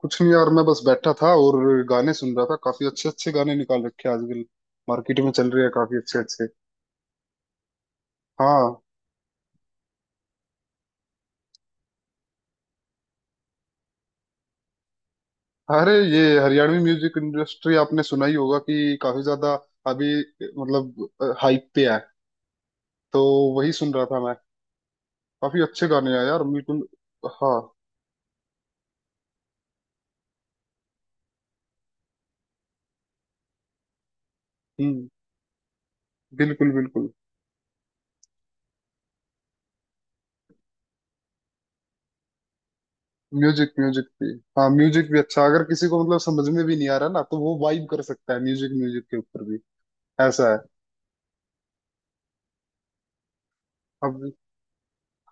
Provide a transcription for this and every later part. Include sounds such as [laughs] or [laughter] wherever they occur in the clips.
कुछ नहीं यार, मैं बस बैठा था और गाने सुन रहा था। काफी अच्छे अच्छे गाने निकाल रखे हैं आजकल मार्केट में, चल रहे हैं काफी अच्छे अच्छे। हाँ, अरे ये हरियाणवी म्यूजिक इंडस्ट्री आपने सुना ही होगा कि काफी ज्यादा अभी मतलब हाइप पे है। तो वही सुन रहा था मैं। काफी अच्छे गाने हैं यार, बिल्कुल। हाँ। हम्म। बिल्कुल बिल्कुल। म्यूजिक म्यूजिक भी, हाँ म्यूजिक भी अच्छा। अगर किसी को मतलब समझ में भी नहीं आ रहा ना, तो वो वाइब कर सकता है म्यूजिक म्यूजिक के ऊपर भी। ऐसा है। अब,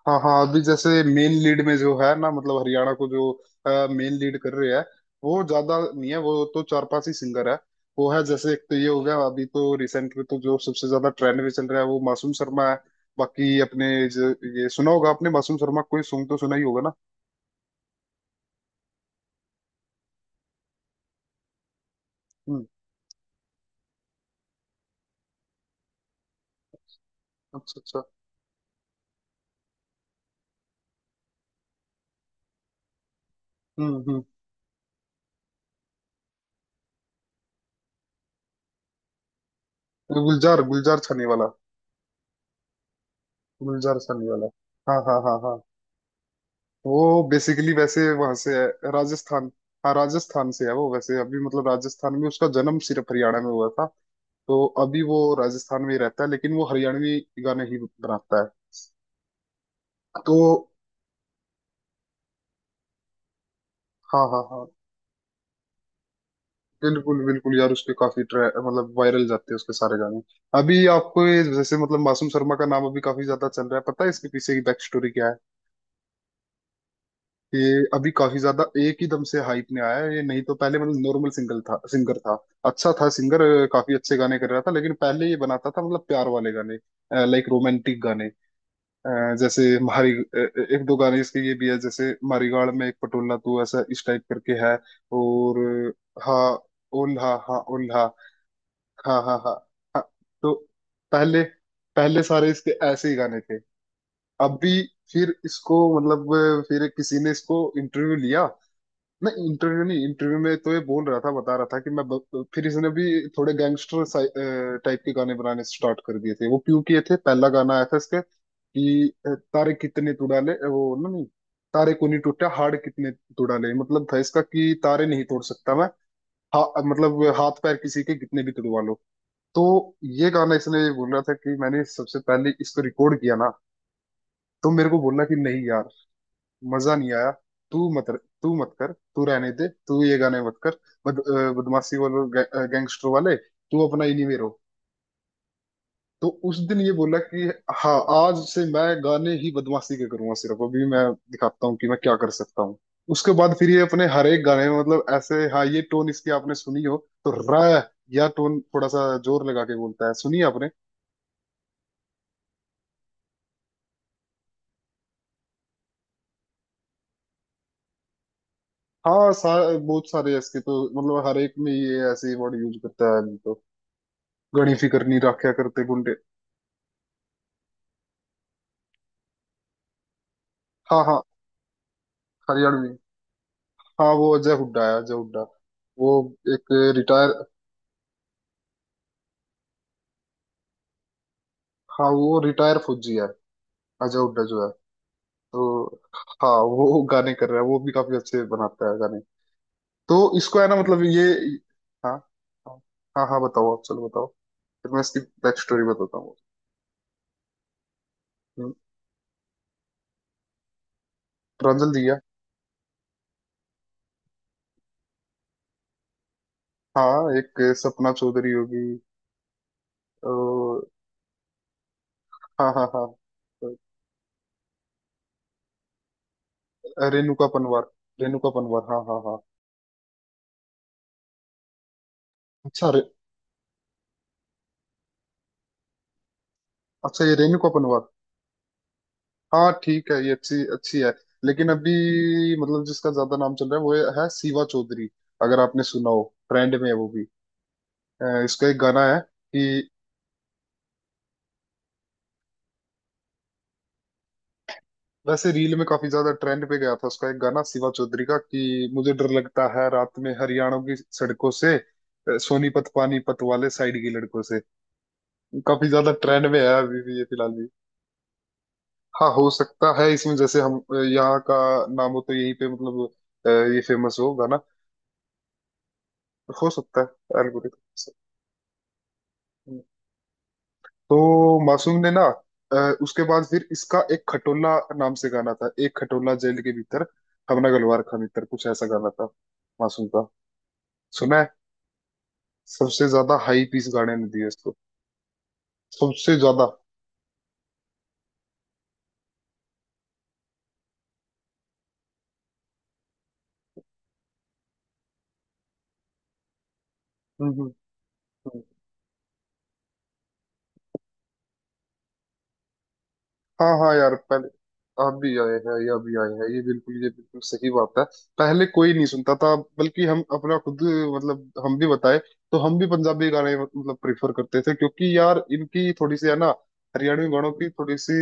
हाँ हाँ, अभी जैसे मेन लीड में जो है ना, मतलब हरियाणा को जो मेन लीड कर रहे हैं, वो ज्यादा नहीं है। वो तो चार पांच ही सिंगर है। वो है जैसे, एक तो ये हो गया, अभी तो रिसेंट में तो जो सबसे ज्यादा ट्रेंड में चल रहा है वो मासूम शर्मा है। बाकी अपने ये सुना होगा आपने, मासूम शर्मा कोई सॉन्ग तो सुना ही होगा ना। हम्म। अच्छा अच्छा। हम्म। गुलजार, गुलजार छाने वाला। गुलजार छाने वाला। हाँ हाँ हाँ हाँ। वो बेसिकली वैसे वहां से है, राजस्थान। हाँ, राजस्थान से है वो वैसे। अभी मतलब राजस्थान में उसका जन्म, सिर्फ हरियाणा में हुआ था। तो अभी वो राजस्थान में ही रहता है, लेकिन वो हरियाणवी गाने ही बनाता है। तो, हाँ हाँ हाँ, बिल्कुल बिल्कुल यार, उसके काफी ट्रै मतलब वायरल जाते हैं उसके सारे गाने। अभी आपको ये जैसे मतलब मासूम शर्मा का नाम अभी काफी ज्यादा चल रहा है, पता है इसके पीछे की बैक स्टोरी क्या है? ये अभी काफी ज्यादा एक ही दम से हाइप में आया है ये। नहीं तो पहले मतलब नॉर्मल सिंगल था सिंगर था। अच्छा था सिंगर। काफी अच्छे गाने कर रहा था। लेकिन पहले ये बनाता था मतलब प्यार वाले गाने, लाइक रोमांटिक गाने। अ, जैसे म्हारी, एक दो गाने इसके ये भी है जैसे, मारीगाड़ में एक पटोला तू, ऐसा इस टाइप करके है। और, हाँ, ओल्हा, हाँ ओल्हा। हाँ हाँ हाँ हाँ। तो पहले पहले सारे इसके ऐसे ही गाने थे। अभी, फिर इसको मतलब, फिर किसी ने इसको इंटरव्यू लिया। नहीं, इंटरव्यू नहीं, इंटरव्यू में तो ये बोल रहा था, बता रहा था कि मैं फिर इसने भी थोड़े गैंगस्टर टाइप के गाने बनाने स्टार्ट कर दिए थे। वो क्यों किए थे? पहला गाना आया था इसका कि तारे कितने तुड़ाले, वो ना, नहीं तारे को नहीं, टूटा हाड़ कितने तुड़ाले। मतलब था इसका कि तारे नहीं तोड़ सकता मैं, हा, मतलब हाथ पैर किसी के कितने भी तुड़वा लो। तो ये गाना, इसने बोल रहा था कि मैंने सबसे पहले इसको रिकॉर्ड किया ना, तो मेरे को बोला कि नहीं यार, मजा नहीं आया। तू मत तू मत कर, तू रहने दे, तू ये गाने मत कर। बदमाशी वाले, गैंगस्टर वाले, तू अपना इन्हीं में रहो। तो उस दिन ये बोला कि हाँ, आज से मैं गाने ही बदमाशी के करूंगा सिर्फ। अभी मैं दिखाता हूँ कि मैं क्या कर सकता हूँ। उसके बाद फिर ये अपने हर एक गाने में मतलब ऐसे, हाँ, ये टोन इसकी आपने सुनी हो तो, र, या टोन थोड़ा सा जोर लगा के बोलता है, सुनिए आपने। हाँ, बहुत सारे इसके तो मतलब हर एक में ये ऐसे वर्ड यूज करता है। तो, घणी फिकर नहीं राख्या करते गुंडे। हाँ हाँ, हरियाणवी, हाँ वो अजय हुड्डा है, अजय हुड्डा। वो एक रिटायर, हाँ वो रिटायर फौजी है अजय हुड्डा जो है। तो, हाँ वो गाने कर रहा है, वो भी काफी अच्छे बनाता है गाने। तो इसको है ना मतलब ये, हाँ हाँ, हाँ हाँ, बताओ आप, चलो बताओ, फिर मैं इसकी बैक स्टोरी बताता हूँ। हम्म। प्रांजल दिया। हाँ, एक सपना चौधरी होगी, और, हाँ हाँ हाँ। रेणुका पनवार, रेणुका पनवार, हाँ हाँ हाँ। अच्छा रे, अच्छा ये रेणुका पनवार। हाँ ठीक है, ये अच्छी अच्छी है। लेकिन अभी मतलब जिसका ज्यादा नाम चल रहा है वो है सीवा चौधरी, अगर आपने सुना हो। ट्रेंड में है वो भी। इसका एक गाना है कि, वैसे रील में काफी ज्यादा ट्रेंड पे गया था उसका एक गाना, सिवा चौधरी का, कि मुझे डर लगता है रात में हरियाणा की सड़कों से, सोनीपत पानीपत वाले साइड की लड़कों से। काफी ज्यादा ट्रेंड में है अभी भी ये, फिलहाल भी। हाँ, हो सकता है इसमें जैसे हम, यहाँ का नाम हो तो यहीं पे मतलब, ये फेमस हो गाना। हो सकता है algorithm से। तो मासूम ने ना, अ, उसके बाद फिर इसका एक खटोला नाम से गाना था, एक खटोला जेल के भीतर, हमना गलवार खा भीतर, कुछ ऐसा गाना था मासूम का, सुना है। सबसे ज्यादा हाई पीस गाने ने दिए इसको, सबसे ज्यादा। हम्म हम्म। हाँ हाँ यार, पहले आप भी आए हैं या भी आए हैं ये बिल्कुल सही बात है। पहले कोई नहीं सुनता था, बल्कि हम अपना खुद मतलब, हम भी बताए तो हम भी पंजाबी गाने मतलब प्रेफर करते थे, क्योंकि यार इनकी थोड़ी सी है ना, हरियाणवी गानों की थोड़ी सी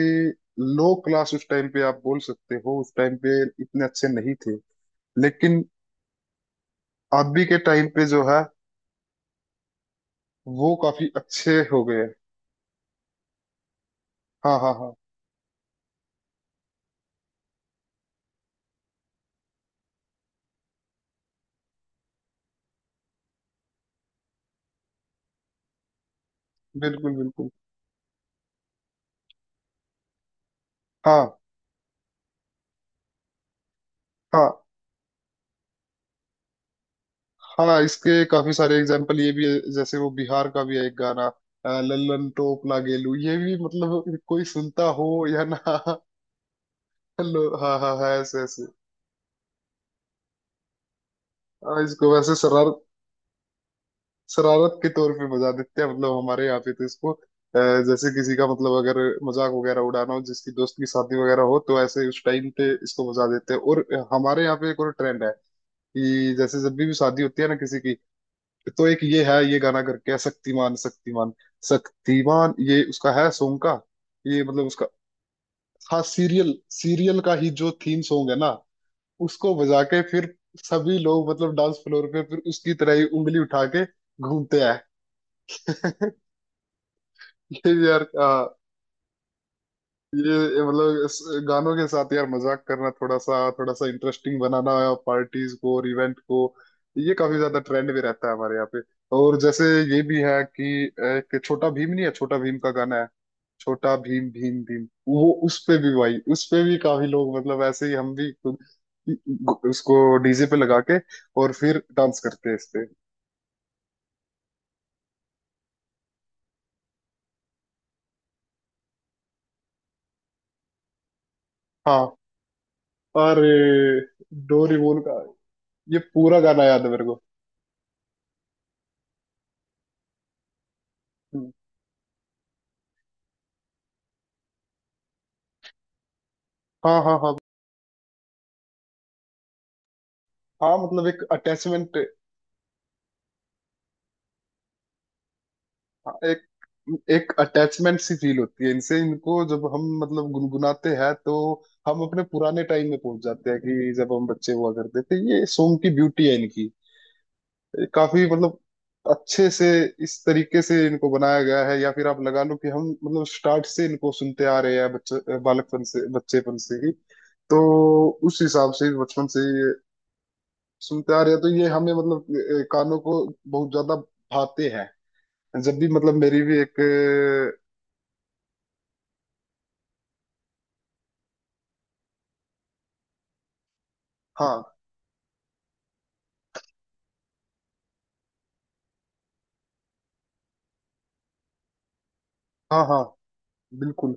लो क्लास उस टाइम पे, आप बोल सकते हो, उस टाइम पे इतने अच्छे नहीं थे। लेकिन अभी के टाइम पे जो है वो काफी अच्छे हो गए हैं। हाँ हाँ हाँ, बिल्कुल बिल्कुल, हाँ हाँ हाँ, हाँ, इसके काफी सारे एग्जाम्पल ये भी है, जैसे वो बिहार का भी है एक गाना, लल्लन टोप लागेलू, ये भी मतलब, कोई सुनता हो या ना। लो, हाँ हाँ हाँ, ऐसे ऐसे। हाँ, इसको वैसे शरारत शरारत के तौर पे बजा देते हैं मतलब हमारे यहाँ पे तो इसको, जैसे किसी का मतलब, अगर मजाक वगैरह उड़ाना हो, जिसकी दोस्त की शादी वगैरह हो, तो ऐसे उस टाइम पे इसको बजा देते हैं। और हमारे यहाँ पे एक और ट्रेंड है कि जैसे जब भी शादी होती है ना किसी की, तो एक ये है, ये गाना करके है शक्तिमान शक्तिमान, शक्तिमान, ये उसका है सॉन्ग का। ये मतलब उसका, हाँ, सीरियल सीरियल का ही जो थीम सॉन्ग है ना उसको बजा के फिर सभी लोग मतलब डांस फ्लोर पे फिर उसकी तरह ही उंगली उठा के घूमते हैं। [laughs] ये भी यार, हाँ। ये ये मतलब इस गानों के साथ यार मजाक करना, थोड़ा सा इंटरेस्टिंग बनाना पार्टीज को और इवेंट को, ये काफी ज्यादा ट्रेंड में रहता है हमारे यहाँ पे। और जैसे ये भी है कि, एक छोटा भीम, नहीं है, छोटा भीम का गाना है, छोटा भीम भीम भीम, वो, उस पे भी भाई उस पे भी काफी लोग मतलब ऐसे ही, हम भी खुद उसको डीजे पे लगा के और फिर डांस करते हैं इस पे। हाँ, अरे, डोरी बोल का, ये पूरा गाना याद है मेरे को। हम्म। हाँ हाँ हाँ, हाँ मतलब एक अटैचमेंट, एक एक अटैचमेंट सी फील होती है इनसे। इनको जब हम मतलब गुनगुनाते हैं तो हम अपने पुराने टाइम में पहुंच जाते हैं, कि जब हम बच्चे हुआ करते थे। ये सॉन्ग की ब्यूटी है इनकी, काफी मतलब अच्छे से इस तरीके से इनको बनाया गया है। या फिर आप लगा लो कि हम मतलब स्टार्ट से इनको सुनते आ रहे हैं, बच्चे, बालकपन से, बच्चेपन से ही। तो उस हिसाब से बचपन से ये सुनते आ रहे हैं, तो ये हमें मतलब, कानों को बहुत ज्यादा भाते हैं। जब भी मतलब मेरी भी एक, हाँ हाँ हाँ, बिल्कुल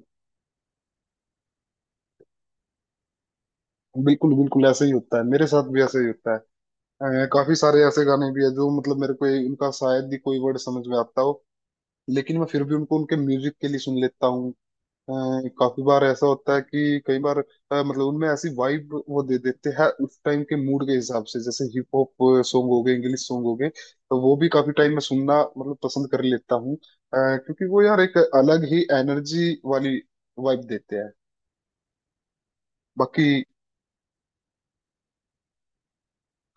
बिल्कुल, बिल्कुल ऐसा ही होता है, मेरे साथ भी ऐसा ही होता है। काफी सारे ऐसे गाने भी है जो मतलब मेरे को उनका शायद ही कोई वर्ड समझ में आता हो, लेकिन मैं फिर भी उनको उनके म्यूजिक के लिए सुन लेता हूँ। अ, काफी बार ऐसा होता है कि, कई बार मतलब उनमें ऐसी वाइब वो दे देते हैं उस टाइम के मूड के हिसाब से, जैसे हिप हॉप सॉन्ग हो गए, इंग्लिश सॉन्ग हो गए, तो वो भी काफी टाइम में सुनना मतलब पसंद कर लेता हूँ, क्योंकि वो यार एक अलग ही एनर्जी वाली वाइब देते हैं। बाकी,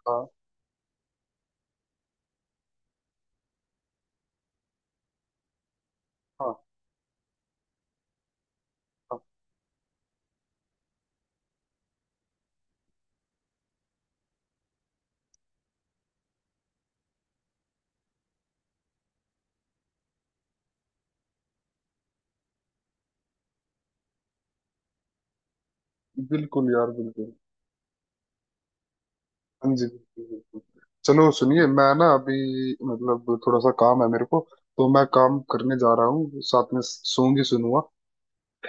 हाँ हाँ हाँ, बिल्कुल यार बिल्कुल, हाँ जी, बिल्कुल बिल्कुल। चलो, सुनिए, मैं ना अभी मतलब थोड़ा सा काम है मेरे को, तो मैं काम करने जा रहा हूँ, साथ में सॉन्ग ही सुनूंगा।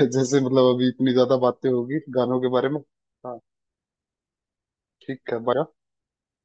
[laughs] जैसे मतलब अभी इतनी ज्यादा बातें होगी गानों के बारे में। हाँ ठीक है, बाय।